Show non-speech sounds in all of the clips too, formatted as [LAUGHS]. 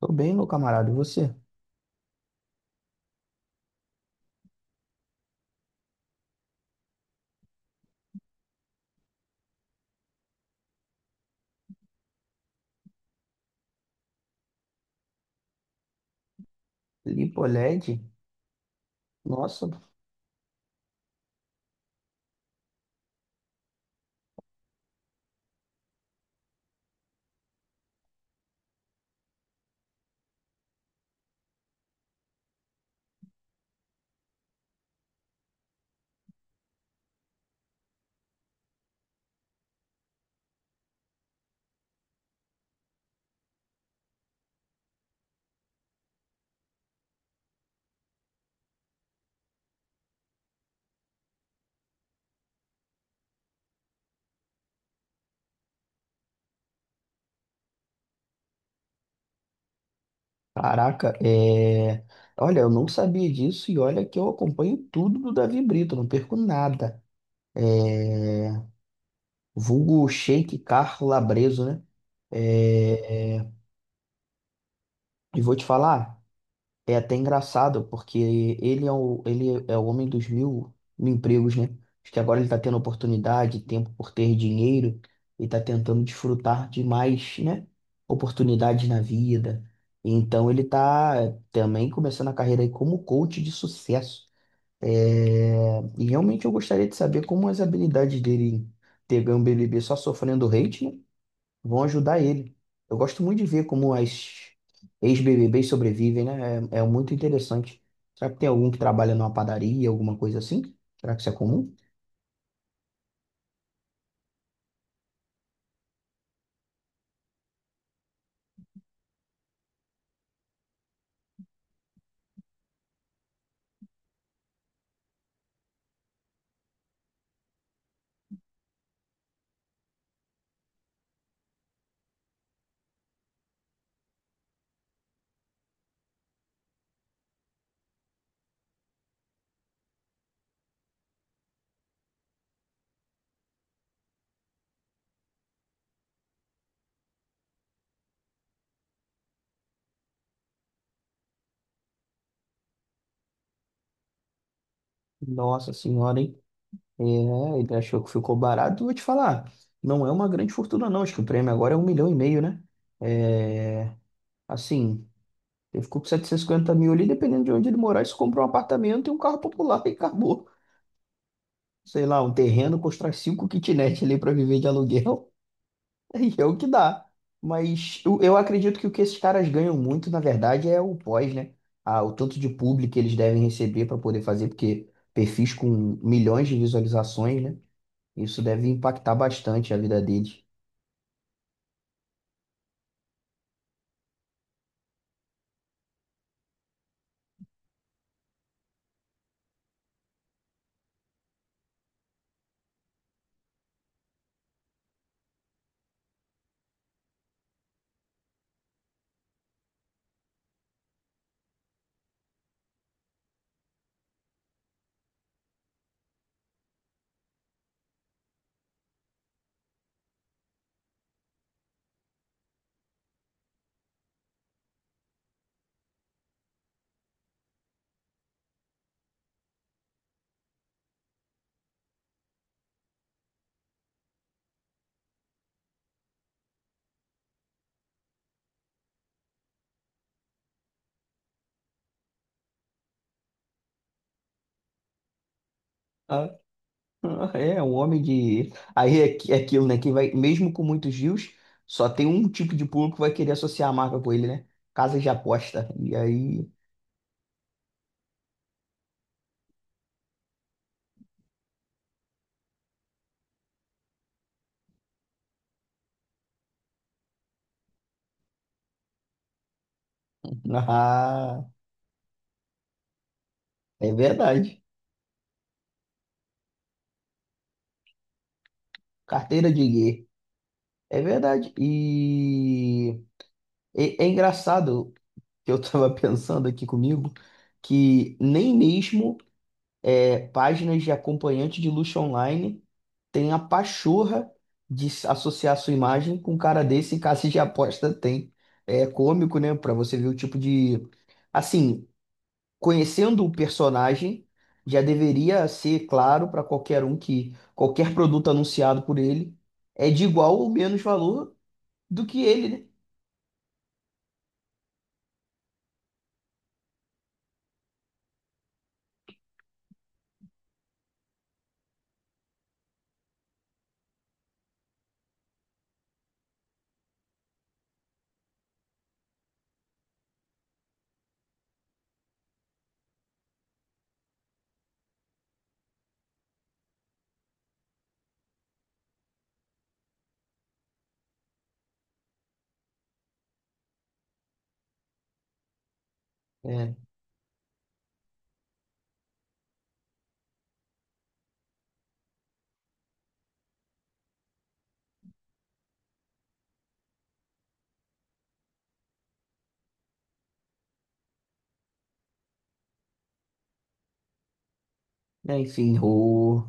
Tô bem, meu camarada. E você? Lipoled? Nossa, caraca, Olha, eu não sabia disso e olha que eu acompanho tudo do Davi Brito, não perco nada. É... Vulgo Shake Carro Labreso, né? É... é, E vou te falar, é até engraçado, porque ele é o homem dos mil empregos, né? Acho que agora ele está tendo oportunidade, tempo por ter dinheiro, e está tentando desfrutar de mais, né? Oportunidades na vida. Então ele está também começando a carreira aí como coach de sucesso. E realmente eu gostaria de saber como as habilidades dele em ter ganho o BBB só sofrendo hate, né, vão ajudar ele. Eu gosto muito de ver como as ex-BBBs sobrevivem, né? É, é muito interessante. Será que tem algum que trabalha numa padaria, alguma coisa assim? Será que isso é comum? Nossa senhora, hein? É, ele achou que ficou barato. Vou te falar, não é uma grande fortuna, não. Acho que o prêmio agora é um milhão e meio, né? É, assim, ele ficou com setecentos e cinquenta mil ali, dependendo de onde ele morar, isso compra um apartamento e um carro popular [LAUGHS] e acabou. Sei lá, um terreno, constrói cinco kitnet ali para viver de aluguel. [LAUGHS] E é o que dá. Mas eu acredito que o que esses caras ganham muito, na verdade, é o pós, né? Ah, o tanto de público que eles devem receber para poder fazer, porque perfis com milhões de visualizações, né? Isso deve impactar bastante a vida deles. Ah, [LAUGHS] um homem de. Aí é, é aquilo, né? Que vai, mesmo com muitos views, só tem um tipo de público que vai querer associar a marca com ele, né? Casas de aposta. E aí. [LAUGHS] Ah, é verdade. Carteira de gay. É verdade. E é, é engraçado que eu estava [LAUGHS] pensando aqui comigo que nem mesmo páginas de acompanhante de luxo online tem a pachorra de associar sua imagem com um cara desse em casa de aposta tem. É cômico, né? Para você ver o tipo de. Assim, conhecendo o personagem, já deveria ser claro para qualquer um que qualquer produto anunciado por ele é de igual ou menos valor do que ele, né? É, enfim,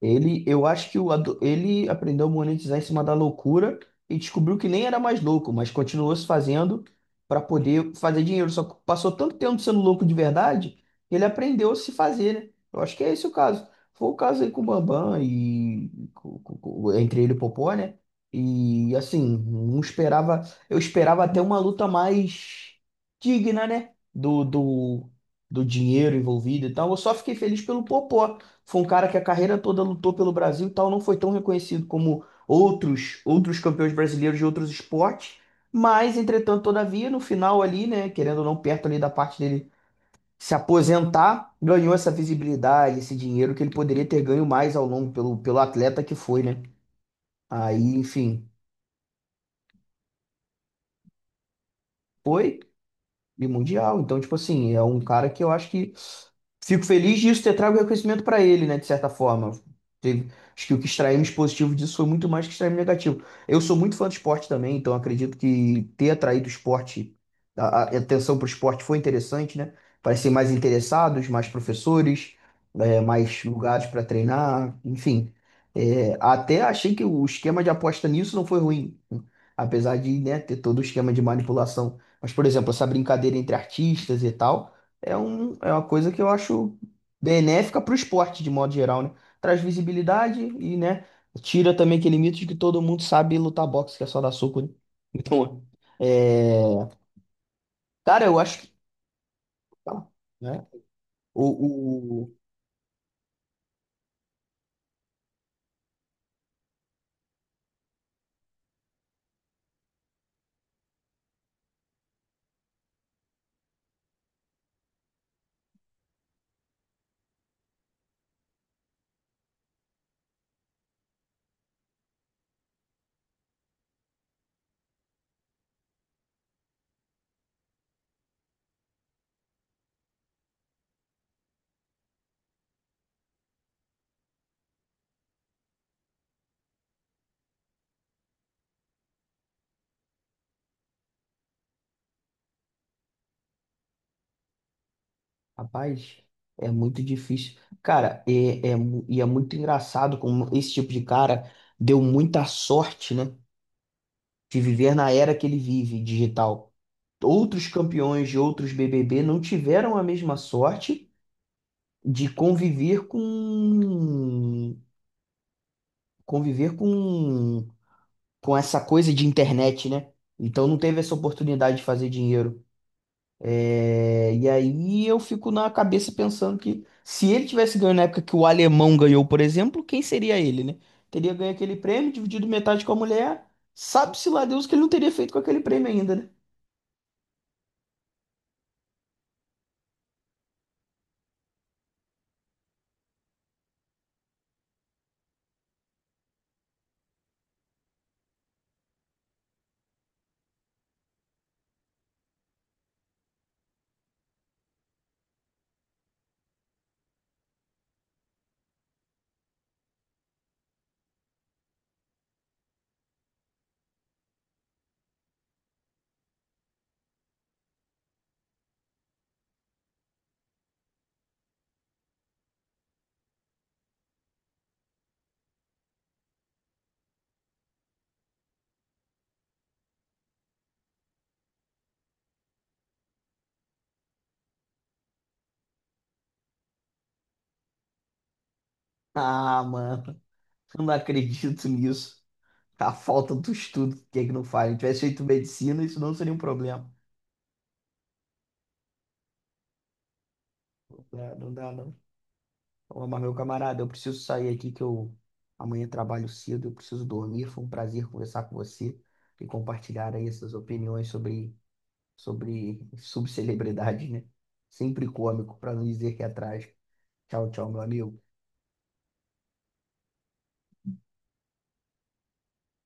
ele, eu acho que ele aprendeu a monetizar em cima da loucura e descobriu que nem era mais louco, mas continuou se fazendo para poder fazer dinheiro. Só que passou tanto tempo sendo louco de verdade, ele aprendeu a se fazer, né? Eu acho que é esse o caso. Foi o caso aí com o Bambam e entre ele e o Popó, né? E assim, não esperava, eu esperava até uma luta mais digna, né? Do dinheiro envolvido e tal. Eu só fiquei feliz pelo Popó, foi um cara que a carreira toda lutou pelo Brasil e tal, não foi tão reconhecido como outros campeões brasileiros de outros esportes, mas entretanto, todavia, no final ali, né, querendo ou não, perto ali da parte dele se aposentar, ganhou essa visibilidade, esse dinheiro que ele poderia ter ganho mais ao longo pelo atleta que foi, né? Aí, enfim, foi e mundial. Então, tipo assim, é um cara que eu acho que fico feliz disso ter trago reconhecimento para ele, né? De certa forma. Teve- Acho que o que extraímos positivo disso foi muito mais que extraímos negativo. Eu sou muito fã do esporte também, então acredito que ter atraído o esporte, a atenção para o esporte foi interessante, né? Parecem mais interessados, mais professores, mais lugares para treinar, enfim. É, até achei que o esquema de aposta nisso não foi ruim, né? Apesar de, né, ter todo o esquema de manipulação. Mas, por exemplo, essa brincadeira entre artistas e tal. É uma coisa que eu acho benéfica para o esporte, de modo geral, né? Traz visibilidade e, né, tira também aquele mito de que todo mundo sabe lutar boxe, que é só dar soco, né? [LAUGHS] Então, é... cara, eu acho que, né? O, o... Rapaz, é muito difícil. Cara, e é muito engraçado como esse tipo de cara deu muita sorte, né? De viver na era que ele vive, digital. Outros campeões de outros BBB não tiveram a mesma sorte de conviver com essa coisa de internet, né? Então não teve essa oportunidade de fazer dinheiro. É, e aí eu fico na cabeça pensando que se ele tivesse ganho na época que o alemão ganhou, por exemplo, quem seria ele, né? Teria ganho aquele prêmio, dividido metade com a mulher. Sabe-se lá Deus o que ele não teria feito com aquele prêmio ainda, né? Ah, mano, [LAUGHS] eu não acredito nisso. A falta do estudo, o que é que não faz? Se tivesse feito medicina, isso não seria um problema. É, não dá, não. Ô, mas meu camarada, eu preciso sair aqui que eu amanhã trabalho cedo, eu preciso dormir. Foi um prazer conversar com você e compartilhar aí essas opiniões sobre, sobre subcelebridade, né? Sempre cômico, para não dizer que é trágico. Tchau, tchau, meu amigo.